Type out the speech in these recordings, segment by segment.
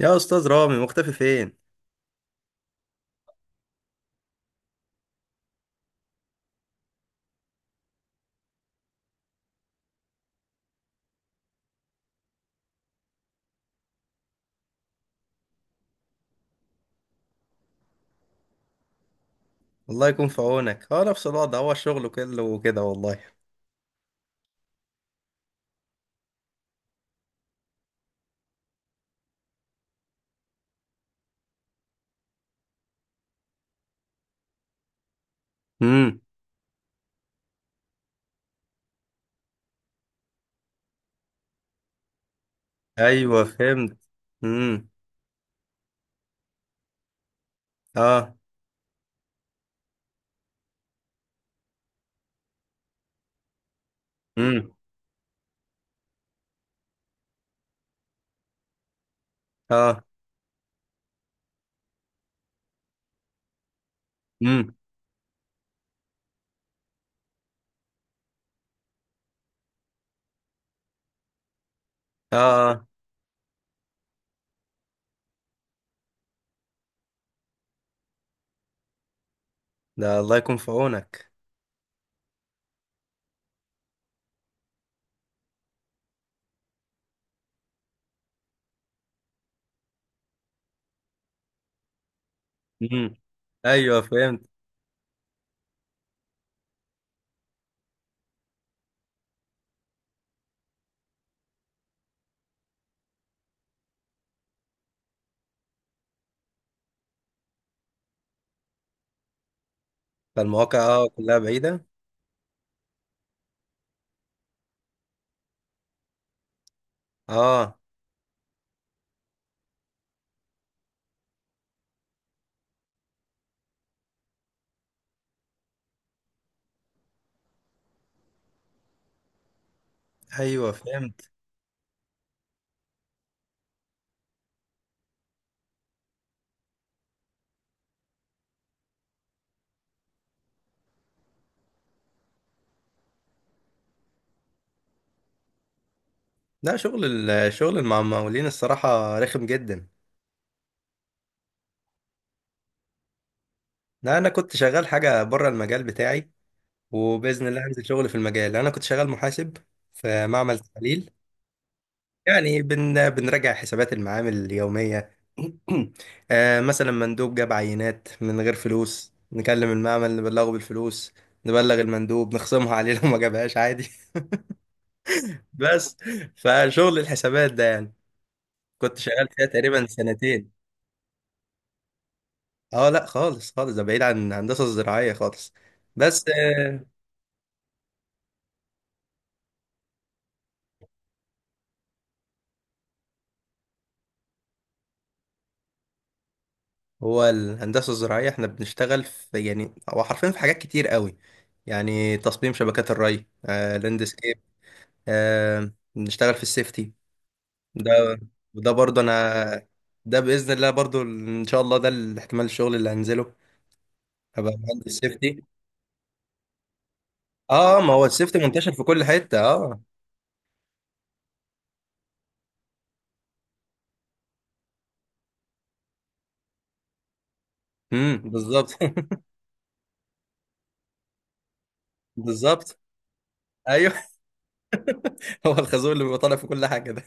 يا استاذ رامي، مختفي فين؟ الله يكون في عونك. اه، نفس الوضع، هو الشغل كله وكده والله. امم. ايوه، فهمت. امم. اه. امم. اه. امم. اه. آه. ده الله يكون في عونك. امم. ايوه، فهمت. فالمواقع كلها بعيده. اه. ايوه، فهمت. لا، الشغل مع المقاولين، الصراحه رخم جدا. لا، انا كنت شغال حاجه بره المجال بتاعي. وباذن الله هنزل شغل في المجال. انا كنت شغال محاسب في معمل تحليل. يعني بنراجع حسابات المعامل اليومية. مثلا مندوب جاب عينات من غير فلوس، نكلم المعمل نبلغه بالفلوس، نبلغ المندوب نخصمها عليه، لو ما جابهاش عادي. بس، فشغل الحسابات ده يعني كنت شغال فيها تقريبا سنتين. اه، لا خالص خالص، ده بعيد عن الهندسة الزراعية خالص. بس هو الهندسة الزراعية، احنا بنشتغل في، يعني هو حرفيا في حاجات كتير قوي. يعني تصميم شبكات الري، لاندسكيب، نشتغل في السيفتي ده. وده برضو انا، ده باذن الله برضو ان شاء الله ده الاحتمال الشغل اللي هنزله. هبقى مهندس سيفتي. اه، ما هو السيفتي منتشر في كل حته، اه. امم، بالظبط. بالظبط. ايوه. هو الخازوق اللي بيبقى طالع في كل حاجه ده.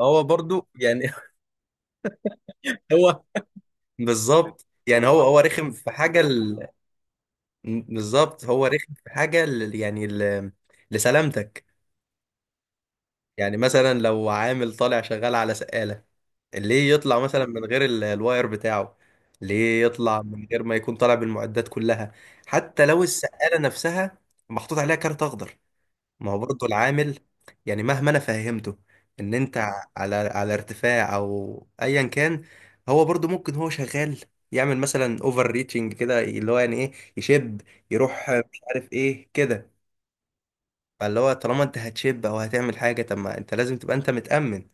هو برضو يعني، هو بالظبط، يعني هو رخم في حاجه بالظبط، هو رخم في حاجه يعني لسلامتك. يعني مثلا لو عامل طالع شغال على سقاله، ليه يطلع مثلا من غير الواير بتاعه؟ ليه يطلع من غير ما يكون طالع بالمعدات كلها؟ حتى لو السقالة نفسها محطوط عليها كارت اخضر، ما هو برضه العامل، يعني مهما انا فهمته ان انت على ارتفاع او ايا كان، هو برضه ممكن هو شغال يعمل مثلا اوفر ريتشنج كده، اللي هو يعني ايه، يشب، يروح مش عارف ايه كده. فاللي هو طالما انت هتشب او هتعمل حاجة، طب ما انت لازم تبقى انت متأمن.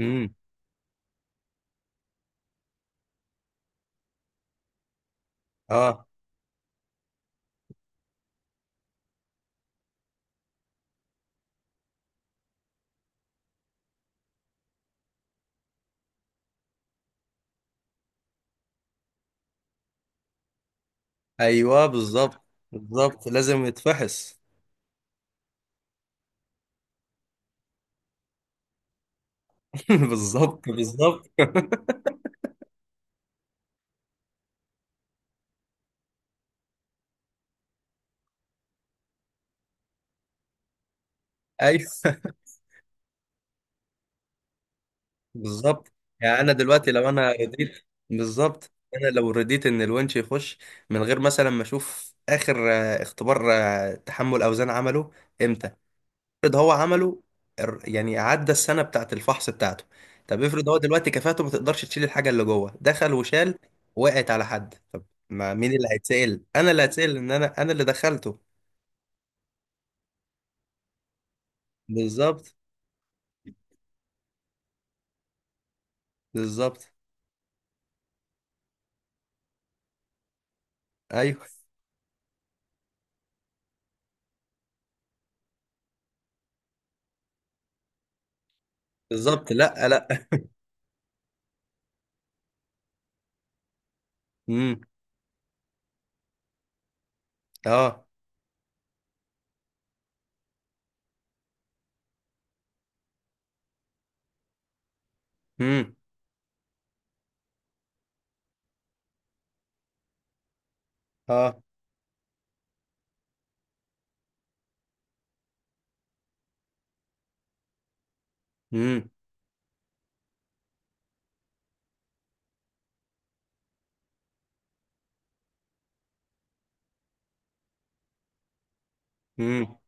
امم. اه. ايوه، بالظبط. بالظبط، لازم يتفحص. بالظبط، بالظبط. ايوه، بالظبط. يعني انا دلوقتي لو انا رضيت، بالظبط، انا لو رضيت ان الونش يخش من غير مثلا ما اشوف اخر اختبار تحمل اوزان عمله. امتى؟ افرض هو عمله، يعني عدى السنه بتاعت الفحص بتاعته. طب افرض هو دلوقتي كفاءته ما تقدرش تشيل الحاجه اللي جوه، دخل وشال، وقعت على حد، طب ما مين اللي هيتسأل؟ انا اللي هتسأل، ان انا اللي دخلته. بالظبط. بالظبط. ايوه، بالظبط. لا، لا. امم. اه. امم. اه. امم، امم.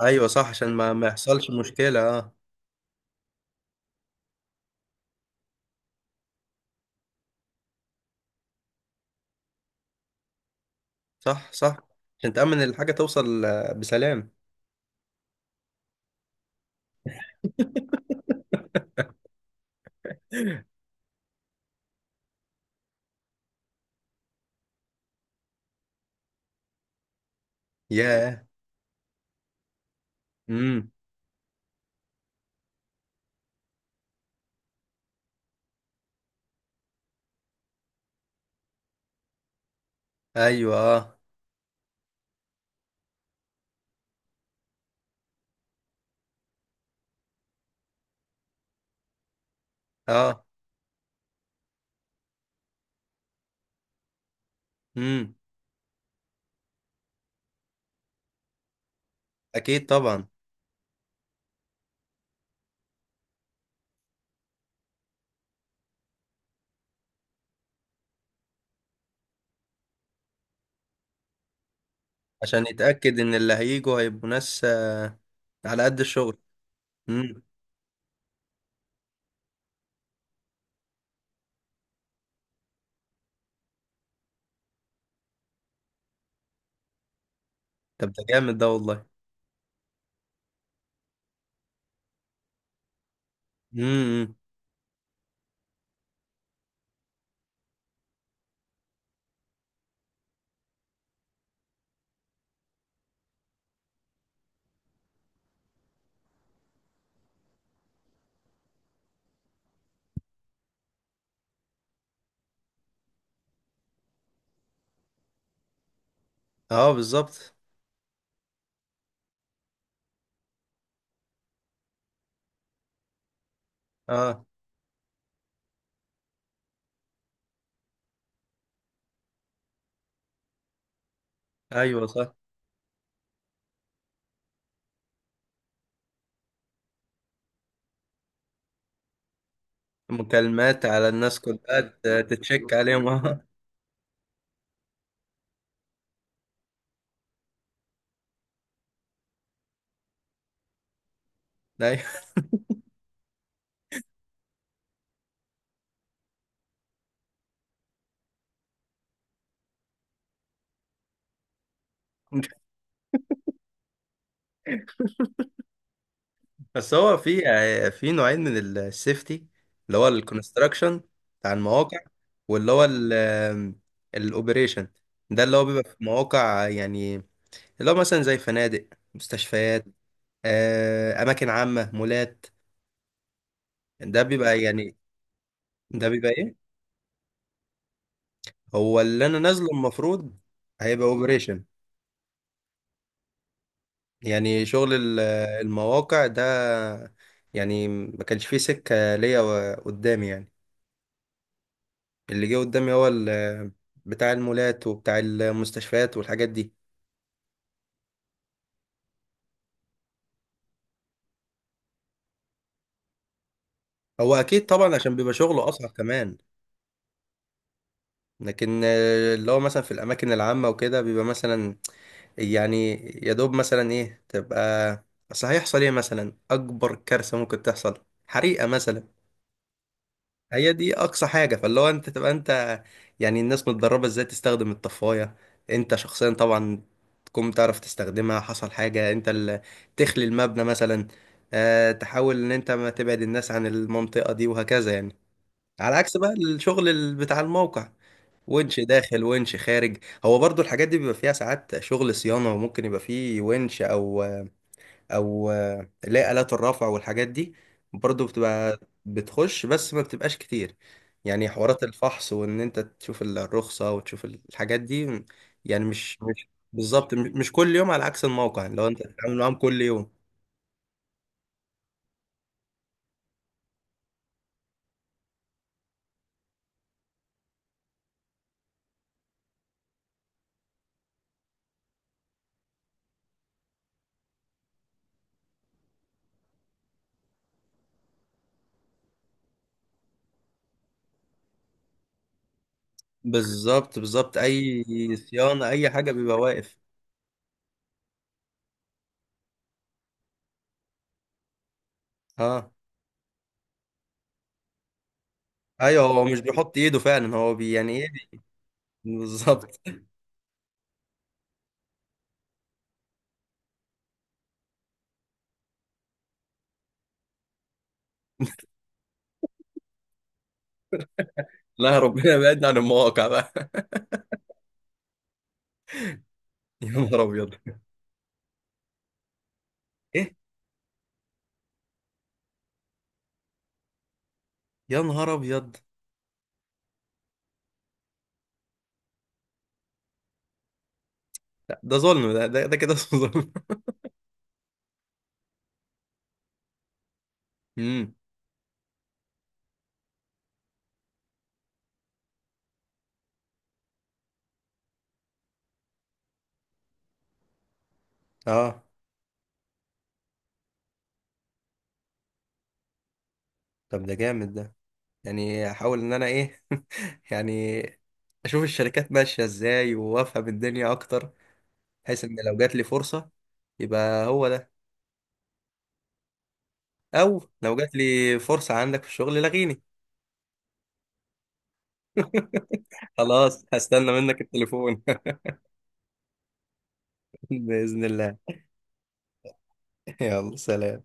ايوه صح، عشان ما يحصلش مشكله، اه. صح، صح، عشان تامن الحاجه توصل بسلام. ياه. امم. ايوه. اه. اه. امم. اكيد طبعا، عشان يتاكد ان اللي هيجوا هيبقوا ناس على قد الشغل. امم. طب ده جامد ده والله. امم. اه، بالظبط. اه. ايوه صح، مكالمات على الناس كلها تتشك عليهم. ايوه. بس هو في نوعين من السيفتي، اللي هو الكونستراكشن بتاع المواقع، واللي هو الاوبريشن. ده اللي هو بيبقى في مواقع يعني، اللي هو مثلا زي فنادق، مستشفيات، اماكن عامة، مولات. ده بيبقى يعني، ده بيبقى ايه، هو اللي انا نازله المفروض هيبقى اوبريشن. يعني شغل المواقع ده، يعني ما كانش فيه سكة ليا قدامي يعني، اللي جه قدامي هو بتاع المولات وبتاع المستشفيات والحاجات دي. هو اكيد طبعا، عشان بيبقى شغله اصعب كمان. لكن اللي هو مثلا في الاماكن العامه وكده بيبقى مثلا، يعني يا دوب مثلا ايه تبقى، اصل هيحصل ايه مثلا؟ اكبر كارثه ممكن تحصل حريقه مثلا. هي دي اقصى حاجه، فاللي هو انت تبقى انت، يعني الناس متدربه ازاي تستخدم الطفايه، انت شخصيا طبعا تكون بتعرف تستخدمها، حصل حاجه انت اللي تخلي المبنى مثلا، تحاول ان انت ما تبعد الناس عن المنطقه دي، وهكذا يعني. على عكس بقى الشغل بتاع الموقع، ونش داخل ونش خارج. هو برضو الحاجات دي بيبقى فيها ساعات شغل صيانه، وممكن يبقى فيه ونش او اللي هي آلات الرفع والحاجات دي، برضو بتبقى بتخش بس ما بتبقاش كتير. يعني حوارات الفحص وان انت تشوف الرخصة وتشوف الحاجات دي، يعني مش بالظبط، مش كل يوم، على عكس الموقع لو انت بتتعامل معاهم كل يوم. بالظبط، بالظبط، اي صيانة اي حاجة بيبقى واقف. اه، ايوه، هو مش بيحط ايده فعلا، هو يعني ايه. بالظبط. لا، ربنا يبعدنا عن المواقع بقى. يا نهار ابيض. ايه؟ يا نهار ابيض. لا، ده ظلم، ده كده، ظلم. امم. اه. طب ده جامد ده، يعني احاول ان انا ايه، يعني اشوف الشركات ماشيه ازاي وافهم الدنيا اكتر، بحيث ان لو جات لي فرصه، يبقى هو ده، او لو جات لي فرصه عندك في الشغل لغيني. خلاص، هستنى منك التليفون. باذن الله. يلا، سلام.